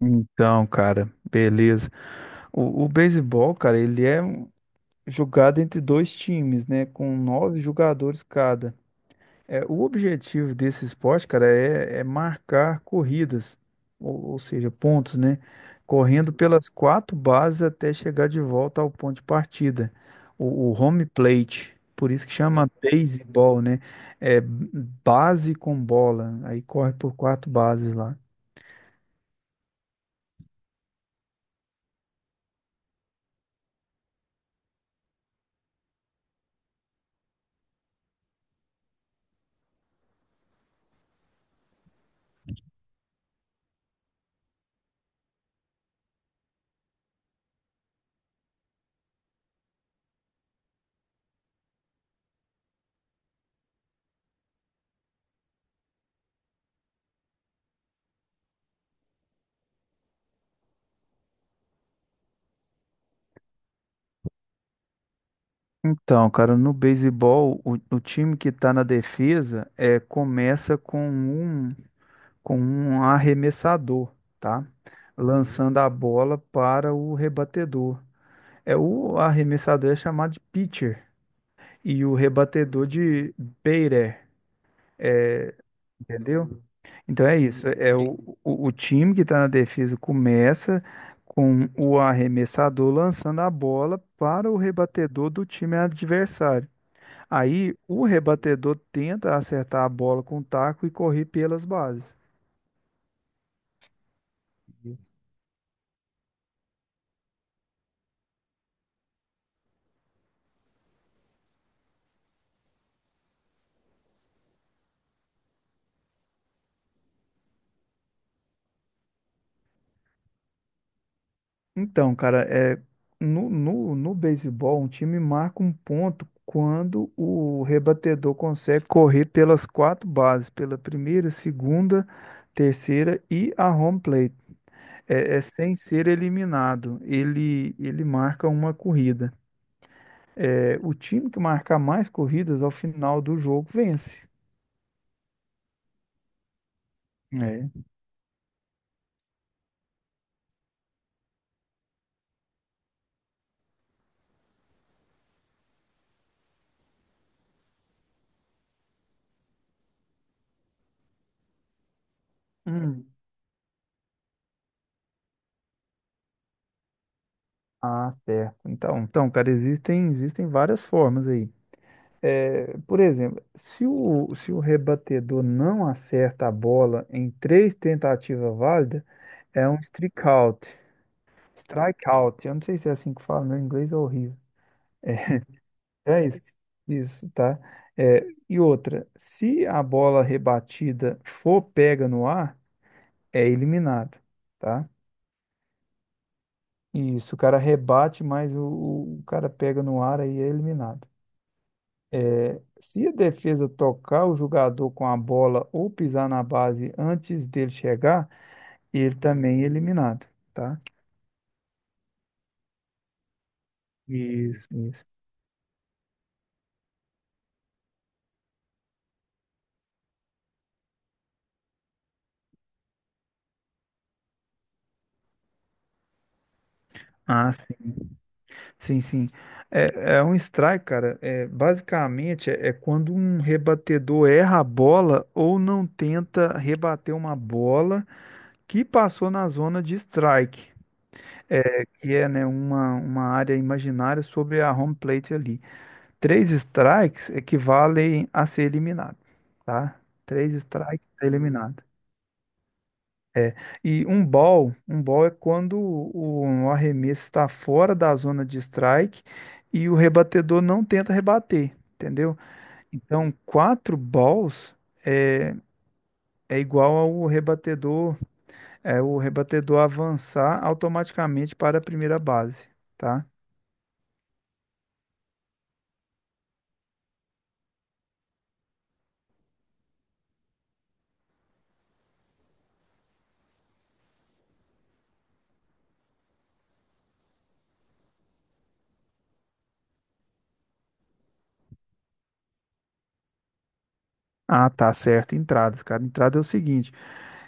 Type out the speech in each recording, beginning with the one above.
Então, cara, beleza. O beisebol, cara, jogado entre dois times, né? Com nove jogadores cada. O objetivo desse esporte, cara, é marcar corridas, ou seja, pontos, né? Correndo pelas quatro bases até chegar de volta ao ponto de partida. O home plate, por isso que chama baseball, né? É base com bola. Aí corre por quatro bases lá. Então, cara, no beisebol, o time que está na defesa começa com com um arremessador, tá? Uhum. Lançando a bola para o rebatedor. É o arremessador é chamado de pitcher e o rebatedor de batter, entendeu? Então é isso. É o time que está na defesa começa com o arremessador lançando a bola para o rebatedor do time adversário. Aí o rebatedor tenta acertar a bola com o taco e correr pelas bases. Então, cara, no, no beisebol, um time marca um ponto quando o rebatedor consegue correr pelas quatro bases, pela primeira, segunda, terceira e a home plate. É sem ser eliminado, ele marca uma corrida. É, o time que marcar mais corridas ao final do jogo vence. É. Hum. Ah, certo. Então, cara, existem várias formas aí. É, por exemplo, se o rebatedor não acerta a bola em três tentativas válidas, é um strikeout. Strikeout. Eu não sei se é assim que fala, meu inglês é horrível. É, é isso, isso, tá? É, e outra, se a bola rebatida for pega no ar, é eliminado, tá? Isso, o cara rebate, mas o cara pega no ar aí é eliminado. É, se a defesa tocar o jogador com a bola ou pisar na base antes dele chegar, ele também é eliminado, tá? Isso, isso. Ah, sim, sim, sim. É, é um strike, cara. É, basicamente, é quando um rebatedor erra a bola ou não tenta rebater uma bola que passou na zona de strike, é, que é, né, uma área imaginária sobre a home plate ali. Três strikes equivalem a ser eliminado, tá? Três strikes tá eliminado. E um ball é quando o arremesso está fora da zona de strike e o rebatedor não tenta rebater, entendeu? Então, quatro balls é, é igual ao rebatedor, é o rebatedor avançar automaticamente para a primeira base, tá? Ah, tá certo. Entradas, cara. Entrada é o seguinte.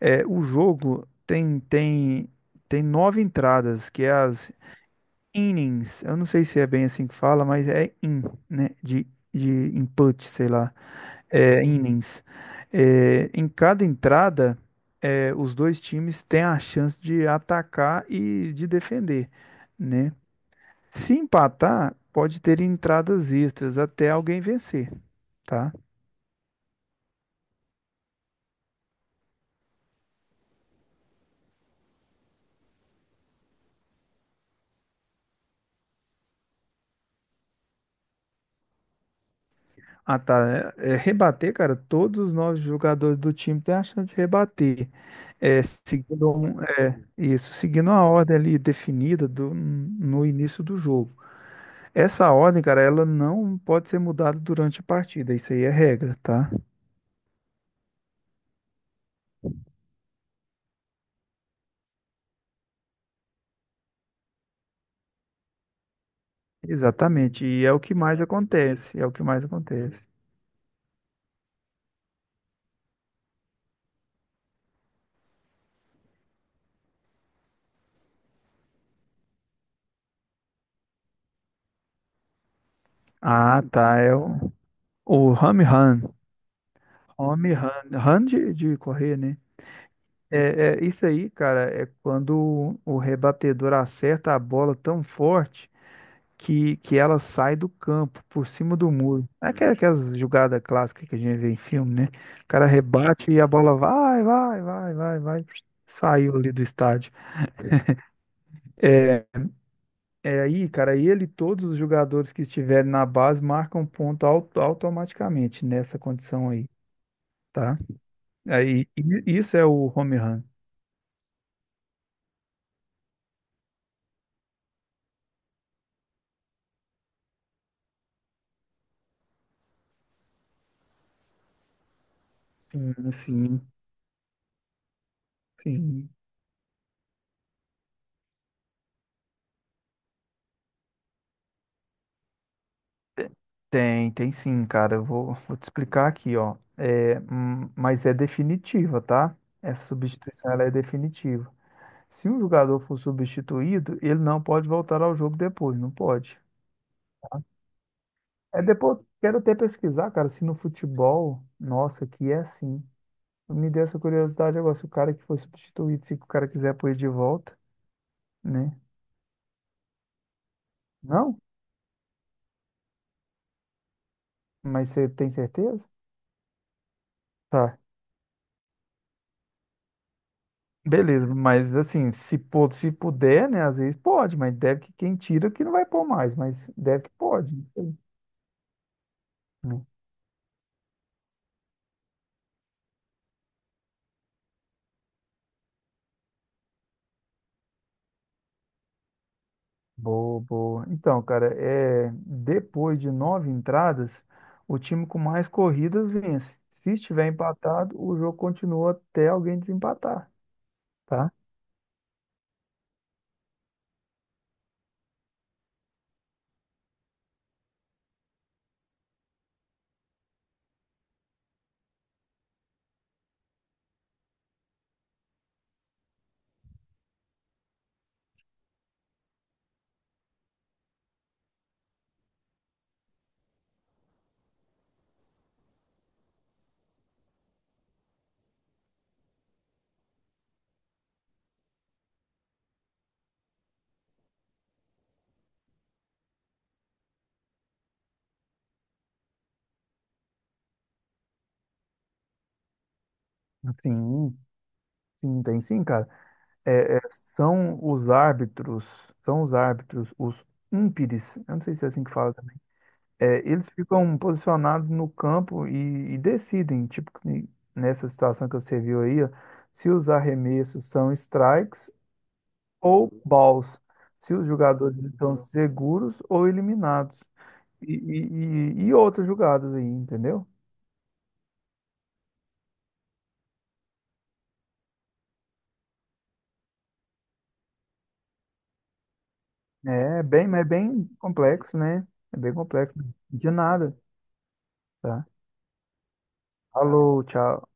É, o jogo tem nove entradas, que é as innings. Eu não sei se é bem assim que fala, mas é in, né? De input, sei lá. É, innings. É, em cada entrada, é, os dois times têm a chance de atacar e de defender, né? Se empatar, pode ter entradas extras até alguém vencer, tá? Ah, tá. Rebater, cara, todos os nove jogadores do time têm a chance de rebater. É, isso, seguindo a ordem ali definida no início do jogo. Essa ordem, cara, ela não pode ser mudada durante a partida. Isso aí é regra, tá? Exatamente. E é o que mais acontece. É o que mais acontece. Ah, tá. É o home run. Home run. Run de correr, né? É, é, isso aí, cara, é quando o rebatedor acerta a bola tão forte. Que ela sai do campo, por cima do muro. É aquelas jogadas clássicas que a gente vê em filme, né? O cara rebate e a bola vai, vai, vai, vai, vai. Saiu ali do estádio. É, é aí, cara, ele e todos os jogadores que estiverem na base marcam ponto automaticamente nessa condição aí, tá? Aí, isso é o home run. Sim, sim, sim. Tem, tem sim, cara. Eu vou te explicar aqui, ó. É, mas é definitiva, tá? Essa substituição ela é definitiva. Se um jogador for substituído, ele não pode voltar ao jogo depois, não pode. É depois, quero até pesquisar, cara, se no futebol, nossa, que é assim. Me deu essa curiosidade agora, se o cara que foi substituído, se o cara quiser pôr ele de volta, né? Não? Mas você tem certeza? Tá. Beleza, mas assim, se, se puder, né? Às vezes pode, mas deve que quem tira que não vai pôr mais, mas deve que pode. Não sei, né? Boa, boa. Então, cara, é, depois de nove entradas, o time com mais corridas vence. Se estiver empatado, o jogo continua até alguém desempatar, tá? Sim, sim, tem sim, cara. É, é, são os árbitros, são os árbitros, os umpires, eu não sei se é assim que fala. É, eles ficam posicionados no campo e decidem, tipo, que nessa situação que você viu aí, ó, se os arremessos são strikes ou balls, se os jogadores estão seguros ou eliminados, e, e outras jogadas aí, entendeu? É bem, mas é bem complexo, né? É bem complexo. De nada, tá? Falou, tchau.